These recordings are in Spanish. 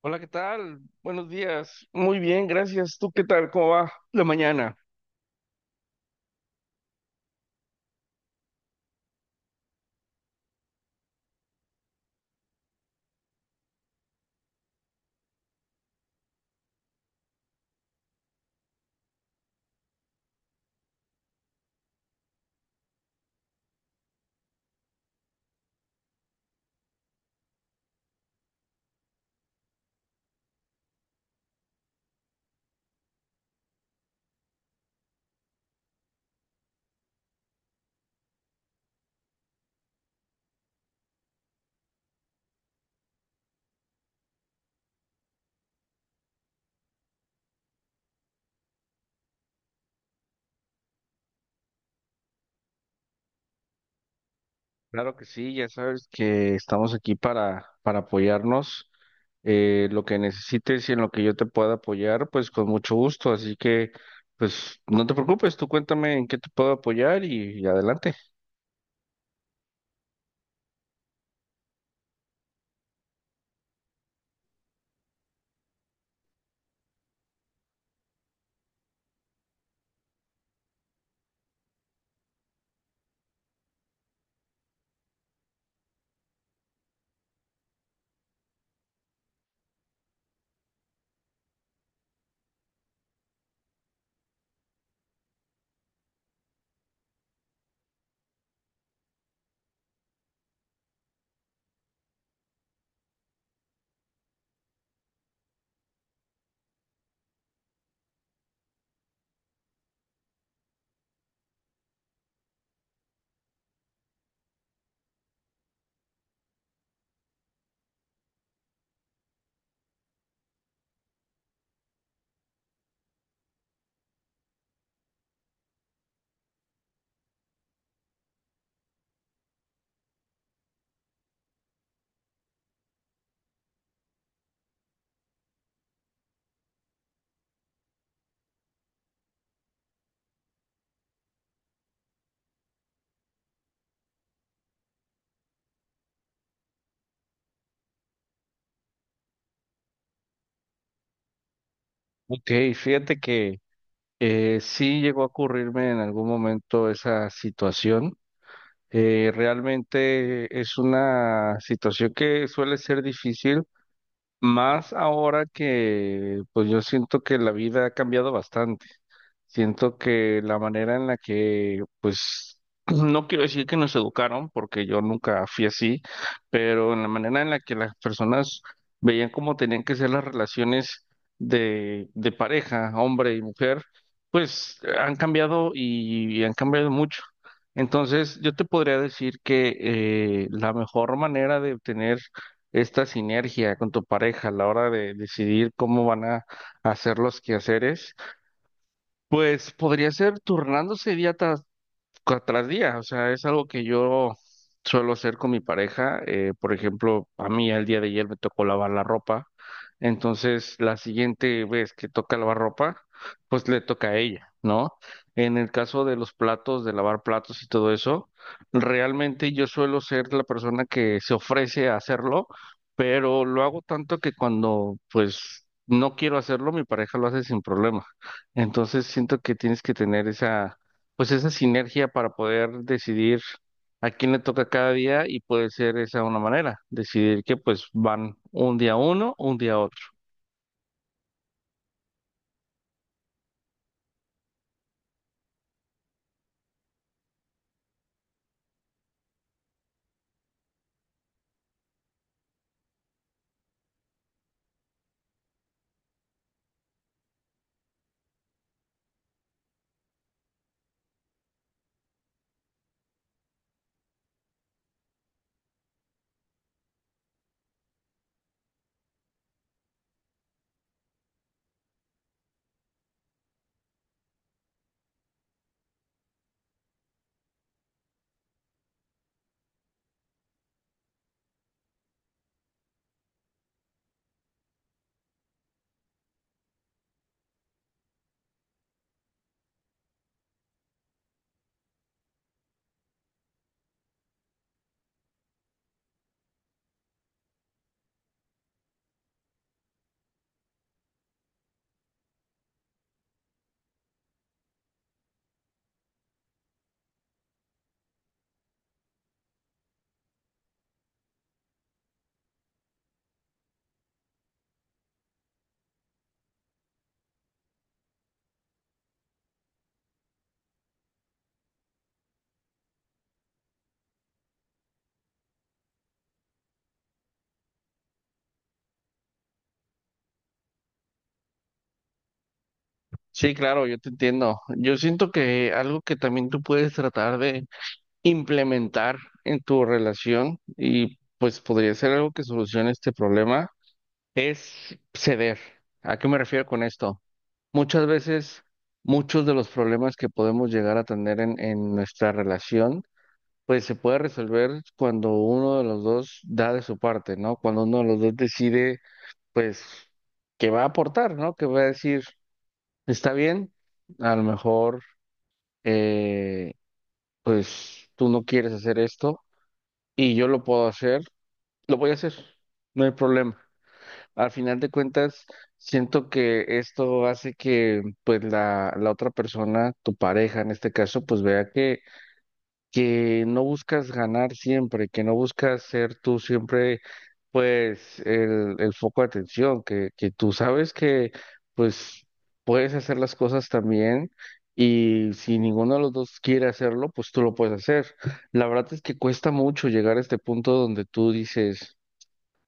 Hola, ¿qué tal? Buenos días. Muy bien, gracias. ¿Tú qué tal? ¿Cómo va la mañana? Claro que sí, ya sabes que estamos aquí para apoyarnos. Lo que necesites y en lo que yo te pueda apoyar, pues con mucho gusto. Así que, pues no te preocupes, tú cuéntame en qué te puedo apoyar y adelante. Ok, fíjate que sí llegó a ocurrirme en algún momento esa situación. Realmente es una situación que suele ser difícil. Más ahora que, pues yo siento que la vida ha cambiado bastante. Siento que la manera en la que, pues, no quiero decir que nos educaron, porque yo nunca fui así, pero en la manera en la que las personas veían cómo tenían que ser las relaciones de pareja, hombre y mujer, pues han cambiado y han cambiado mucho. Entonces, yo te podría decir que la mejor manera de obtener esta sinergia con tu pareja a la hora de decidir cómo van a hacer los quehaceres, pues podría ser turnándose, idiota tras día, o sea, es algo que yo suelo hacer con mi pareja. Por ejemplo, a mí el día de ayer me tocó lavar la ropa, entonces la siguiente vez que toca lavar ropa, pues le toca a ella, ¿no? En el caso de los platos, de lavar platos y todo eso, realmente yo suelo ser la persona que se ofrece a hacerlo, pero lo hago tanto que cuando, pues, no quiero hacerlo, mi pareja lo hace sin problema. Entonces siento que tienes que tener esa, pues esa sinergia para poder decidir a quién le toca cada día, y puede ser esa una manera, decidir que pues van un día uno, un día otro. Sí, claro, yo te entiendo. Yo siento que algo que también tú puedes tratar de implementar en tu relación, y pues podría ser algo que solucione este problema, es ceder. ¿A qué me refiero con esto? Muchas veces, muchos de los problemas que podemos llegar a tener en nuestra relación pues se puede resolver cuando uno de los dos da de su parte, ¿no? Cuando uno de los dos decide, pues, que va a aportar, ¿no? Que va a decir, está bien, a lo mejor, eh, pues, tú no quieres hacer esto y yo lo puedo hacer, lo voy a hacer, no hay problema. Al final de cuentas, siento que esto hace que, pues, la otra persona, tu pareja en este caso, pues, vea que no buscas ganar siempre, que no buscas ser tú siempre pues el foco de atención, que tú sabes que pues puedes hacer las cosas también, y si ninguno de los dos quiere hacerlo, pues tú lo puedes hacer. La verdad es que cuesta mucho llegar a este punto donde tú dices,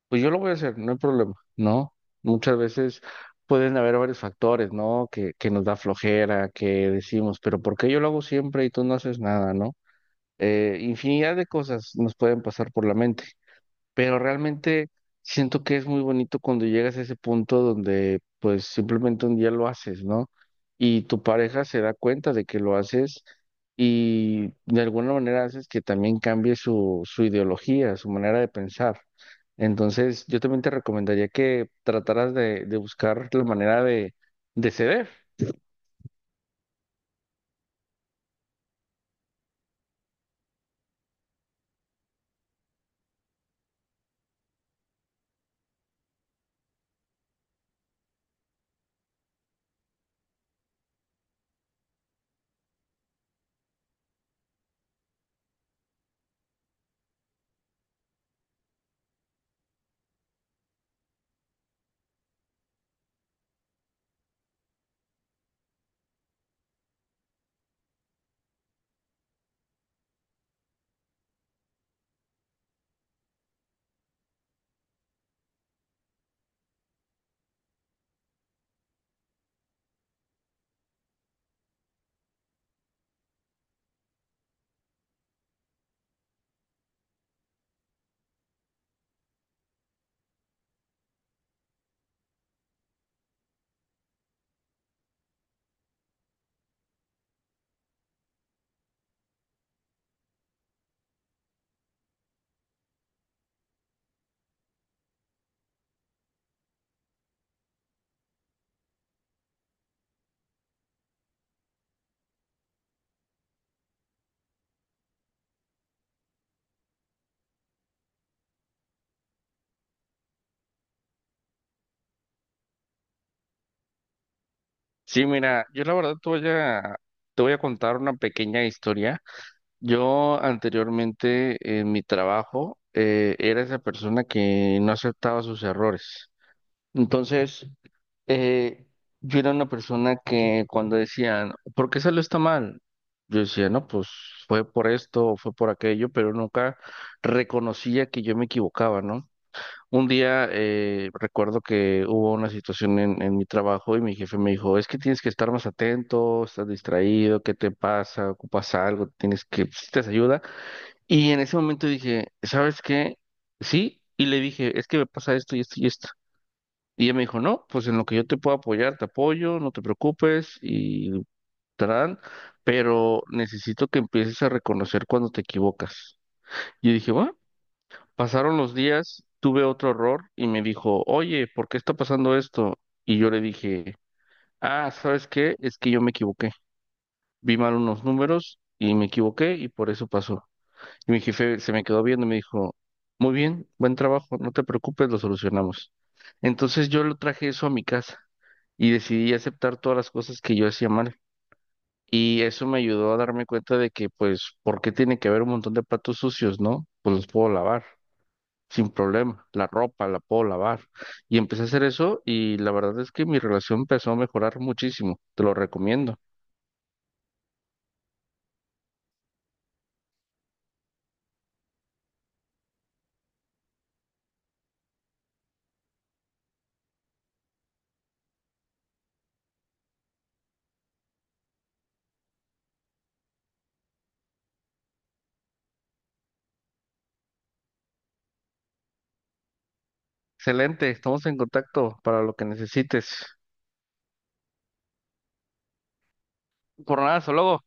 pues yo lo voy a hacer, no hay problema, ¿no? Muchas veces pueden haber varios factores, ¿no? Que nos da flojera, que decimos, pero ¿por qué yo lo hago siempre y tú no haces nada, ¿no? Infinidad de cosas nos pueden pasar por la mente, pero realmente siento que es muy bonito cuando llegas a ese punto donde pues simplemente un día lo haces, ¿no? Y tu pareja se da cuenta de que lo haces, y de alguna manera haces que también cambie su, su ideología, su manera de pensar. Entonces, yo también te recomendaría que trataras de buscar la manera de ceder. Sí, mira, yo la verdad te voy a contar una pequeña historia. Yo anteriormente en mi trabajo era esa persona que no aceptaba sus errores. Entonces, eh, yo era una persona que cuando decían, ¿por qué salió está mal? Yo decía, no, pues fue por esto o fue por aquello, pero nunca reconocía que yo me equivocaba, ¿no? Un día recuerdo que hubo una situación en mi trabajo, y mi jefe me dijo, es que tienes que estar más atento, estás distraído, ¿qué te pasa? ¿Ocupas algo? ¿Tienes que, necesitas ayuda? Y en ese momento dije, ¿sabes qué? Sí, y le dije, es que me pasa esto y esto y esto. Y ella me dijo, no, pues en lo que yo te puedo apoyar, te apoyo, no te preocupes y tarán, pero necesito que empieces a reconocer cuando te equivocas. Yo dije, bueno, pasaron los días, tuve otro error y me dijo, oye, ¿por qué está pasando esto? Y yo le dije, ah, ¿sabes qué? Es que yo me equivoqué. Vi mal unos números y me equivoqué y por eso pasó. Y mi jefe se me quedó viendo y me dijo, muy bien, buen trabajo, no te preocupes, lo solucionamos. Entonces yo lo traje eso a mi casa y decidí aceptar todas las cosas que yo hacía mal. Y eso me ayudó a darme cuenta de que, pues, ¿por qué tiene que haber un montón de platos sucios, no? Pues los puedo lavar sin problema. La ropa la puedo lavar. Y empecé a hacer eso, y la verdad es que mi relación empezó a mejorar muchísimo. Te lo recomiendo. Excelente, estamos en contacto para lo que necesites. Por nada, hasta luego.